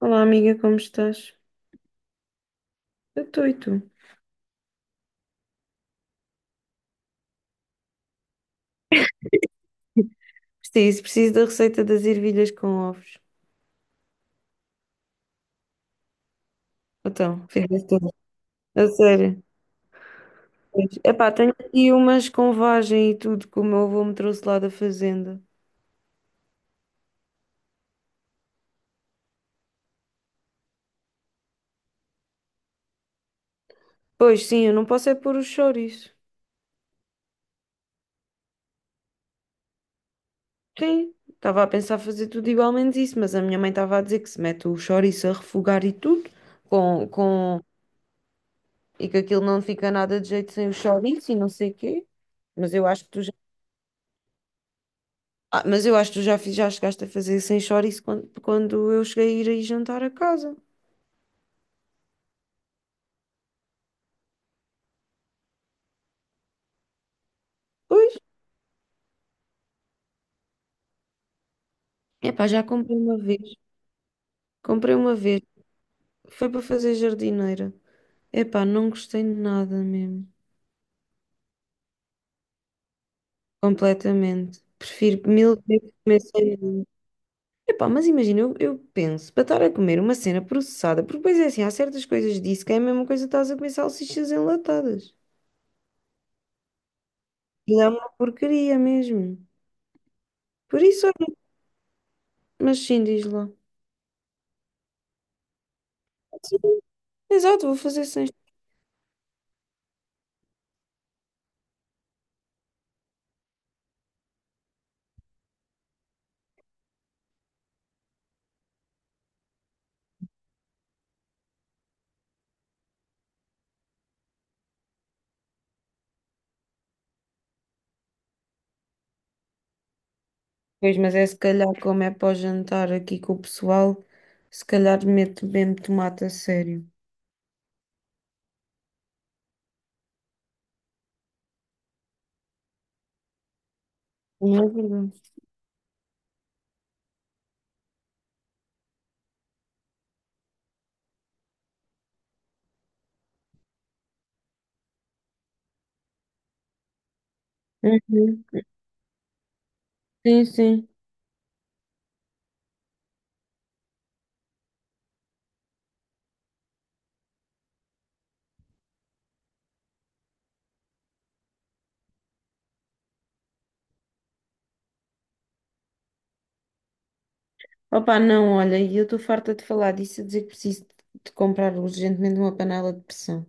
Olá, amiga, como estás? Eu estou e tu? Preciso da receita das ervilhas com ovos. Então, fizeste tudo. A sério. Pois. Epá, tenho aqui umas com vagem e tudo que o meu avô me trouxe lá da fazenda. Pois sim, eu não posso é pôr os chouriços. Sim, estava a pensar fazer tudo igualmente isso, mas a minha mãe estava a dizer que se mete o chouriço a refogar e tudo, com, com... e que aquilo não fica nada de jeito sem o chouriço e não sei o quê. Mas eu acho que tu já. Ah, mas eu acho que tu já chegaste a fazer sem chouriço quando, quando eu cheguei a ir aí jantar a casa. Pois. Epá, já comprei uma vez. Comprei uma vez. Foi para fazer jardineira. Epá, não gostei de nada mesmo. Completamente. Prefiro mil vezes comer sem nada. Epá, mas imagina, eu penso, para estar a comer uma cena processada, porque depois é assim, há certas coisas disso que é a mesma coisa que estás a comer salsichas enlatadas. E é uma porcaria mesmo. Por isso, olha, mas sim, diz lá. Sim, exato, vou fazer sem. Pois, mas é se calhar como é para o jantar aqui com o pessoal, se calhar meto mesmo tomate a sério. Não é verdade? Uhum. Sim, sim. Opa, não, olha, e eu estou farta de falar disso, a dizer que preciso de comprar urgentemente uma panela de pressão.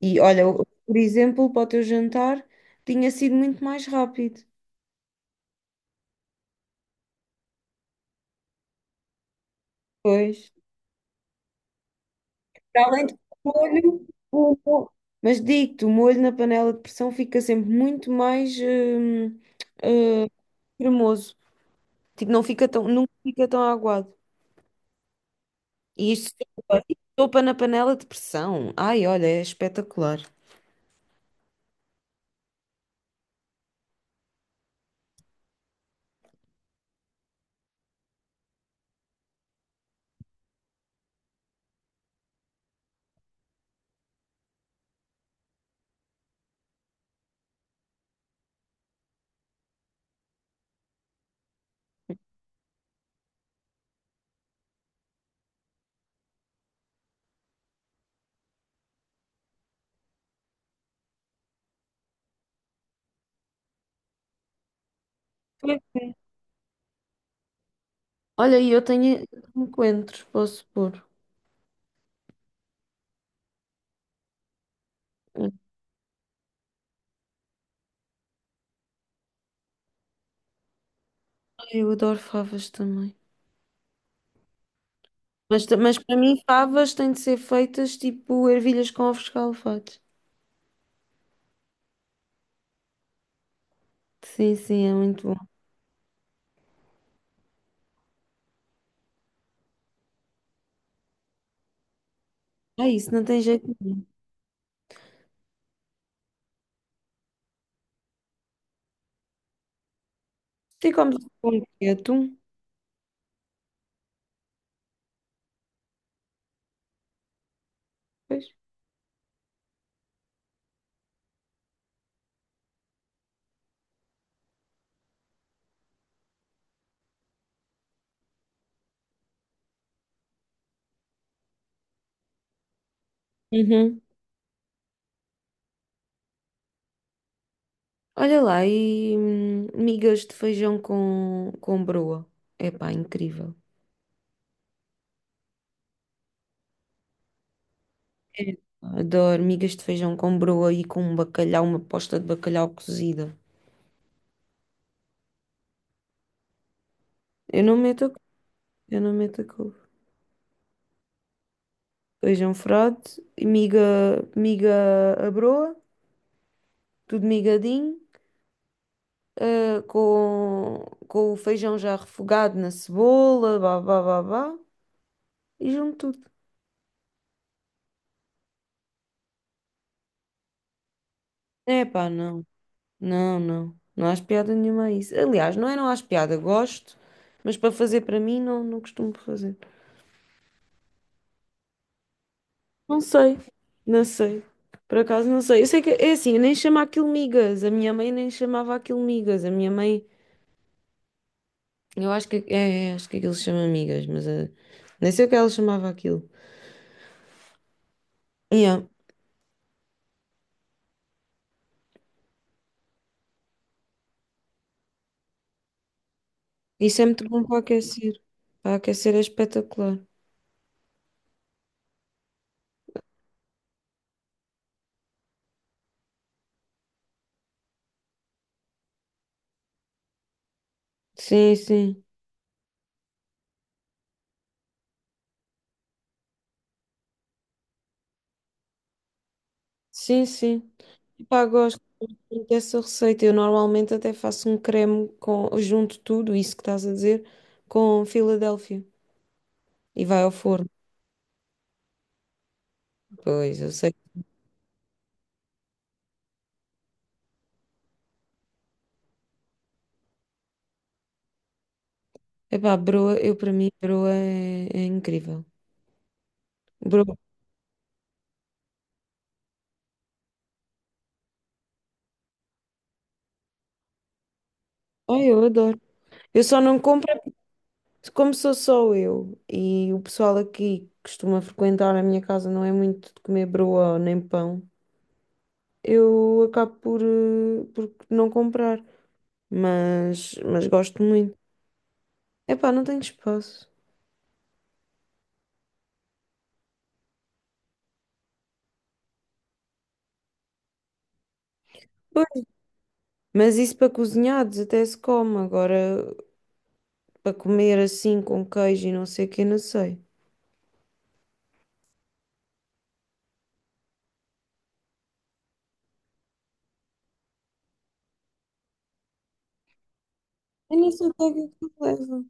E olha, por exemplo, para o teu jantar tinha sido muito mais rápido. Pois. Para além de que o molho, mas digo-te, o molho na panela de pressão fica sempre muito mais eh, cremoso. Tipo, não fica tão, nunca fica tão aguado. E isto sopa na panela de pressão. Ai, olha, é espetacular. Sim. Olha, e eu tenho coentros, posso pôr. Ai, eu adoro favas também. Mas para mim, favas têm de ser feitas tipo ervilhas com ovos escalfados. Sim, sim, é muito bom. Ah, isso não tem jeito nenhum. Tu comes com o quê? Atum? Pois. Uhum. Olha lá, e migas de feijão com broa. Epá, incrível. É. Adoro migas de feijão com broa e com um bacalhau, uma posta de bacalhau cozida. Eu não meto a couve, eu não meto a couve. Feijão frade, e miga à broa, tudo migadinho, com o feijão já refogado na cebola, bá, bá, bá, bá, e junto tudo. É pá, não, não, não, não há piada nenhuma a isso. Aliás, não é não há piada, gosto, mas para fazer para mim não costumo fazer. Não sei, não sei. Por acaso não sei. Eu sei que é assim, eu nem chamo aquilo migas. A minha mãe nem chamava aquilo migas. Eu acho que aquilo se chama migas, mas nem sei o que ela chamava aquilo. Yeah. Isso é muito bom para aquecer. Para aquecer é espetacular. Sim, sim. Sim, sim. Pá, gosto muito dessa receita. Eu normalmente até faço um creme com, junto tudo, isso que estás a dizer, com Filadélfia. E vai ao forno. Pois, eu sei. Epá, broa, eu para mim, broa é incrível. Broa, ai, eu adoro. Eu só não compro como sou só eu e o pessoal aqui que costuma frequentar a minha casa não é muito de comer broa nem pão. Eu acabo por não comprar, mas gosto muito. Epá, não tenho espaço. Pois, mas isso para cozinhados até se come, agora para comer assim com queijo e não sei o que, não sei. Eu nem sei o que é que aquilo leva.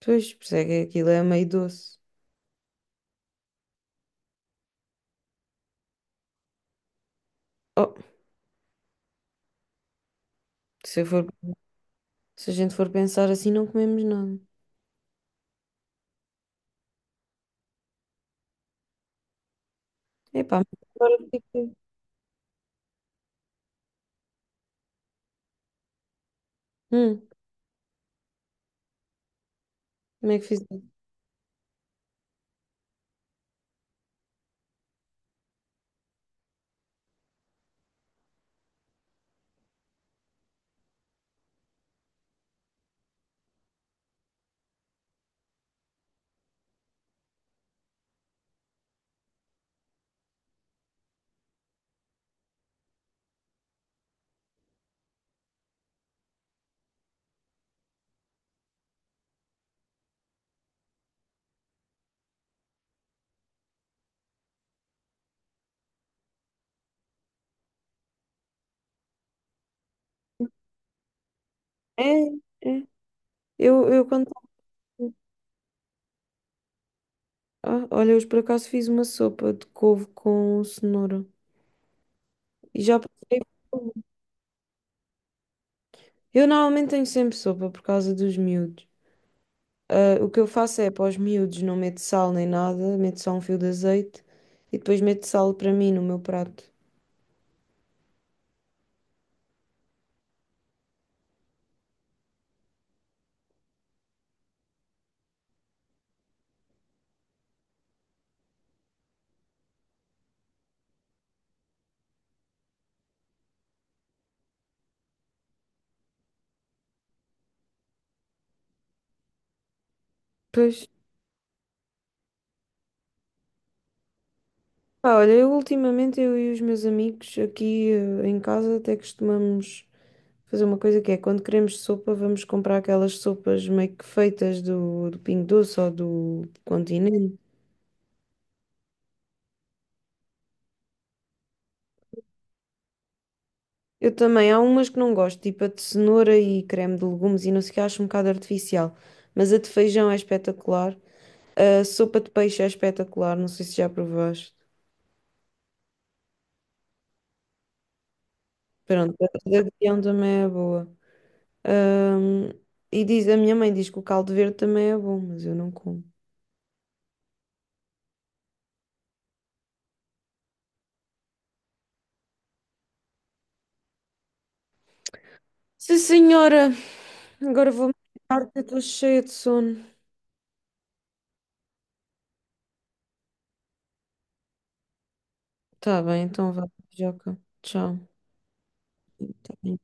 Pois, por isso é que aquilo é meio doce. Oh, se eu for, se a gente for pensar assim, não comemos nada. Epá, mas agora fiquei. Hum, como é que fiz? É, é. Eu quando. Ah, olha, hoje por acaso fiz uma sopa de couve com cenoura. E já. Eu normalmente tenho sempre sopa por causa dos miúdos. Ah, o que eu faço é para os miúdos não meto sal nem nada, meto só um fio de azeite e depois meto sal para mim no meu prato. Pois. Pá, olha, eu ultimamente eu e os meus amigos aqui em casa até costumamos fazer uma coisa que é quando queremos sopa, vamos comprar aquelas sopas meio que feitas do Pingo Doce ou do Continente. Eu também, há umas que não gosto, tipo a de cenoura e creme de legumes e não sei o que, acho um bocado artificial. Mas a de feijão é espetacular. A sopa de peixe é espetacular, não sei se já provaste. Pronto, a da guião também é boa. Ahm, a minha mãe diz que o caldo verde também é bom, mas eu não como. Sim, senhora, agora vou-me deitar que eu estou cheia de sono. Tá bem, então vá, Joca. Tchau. Tá bem.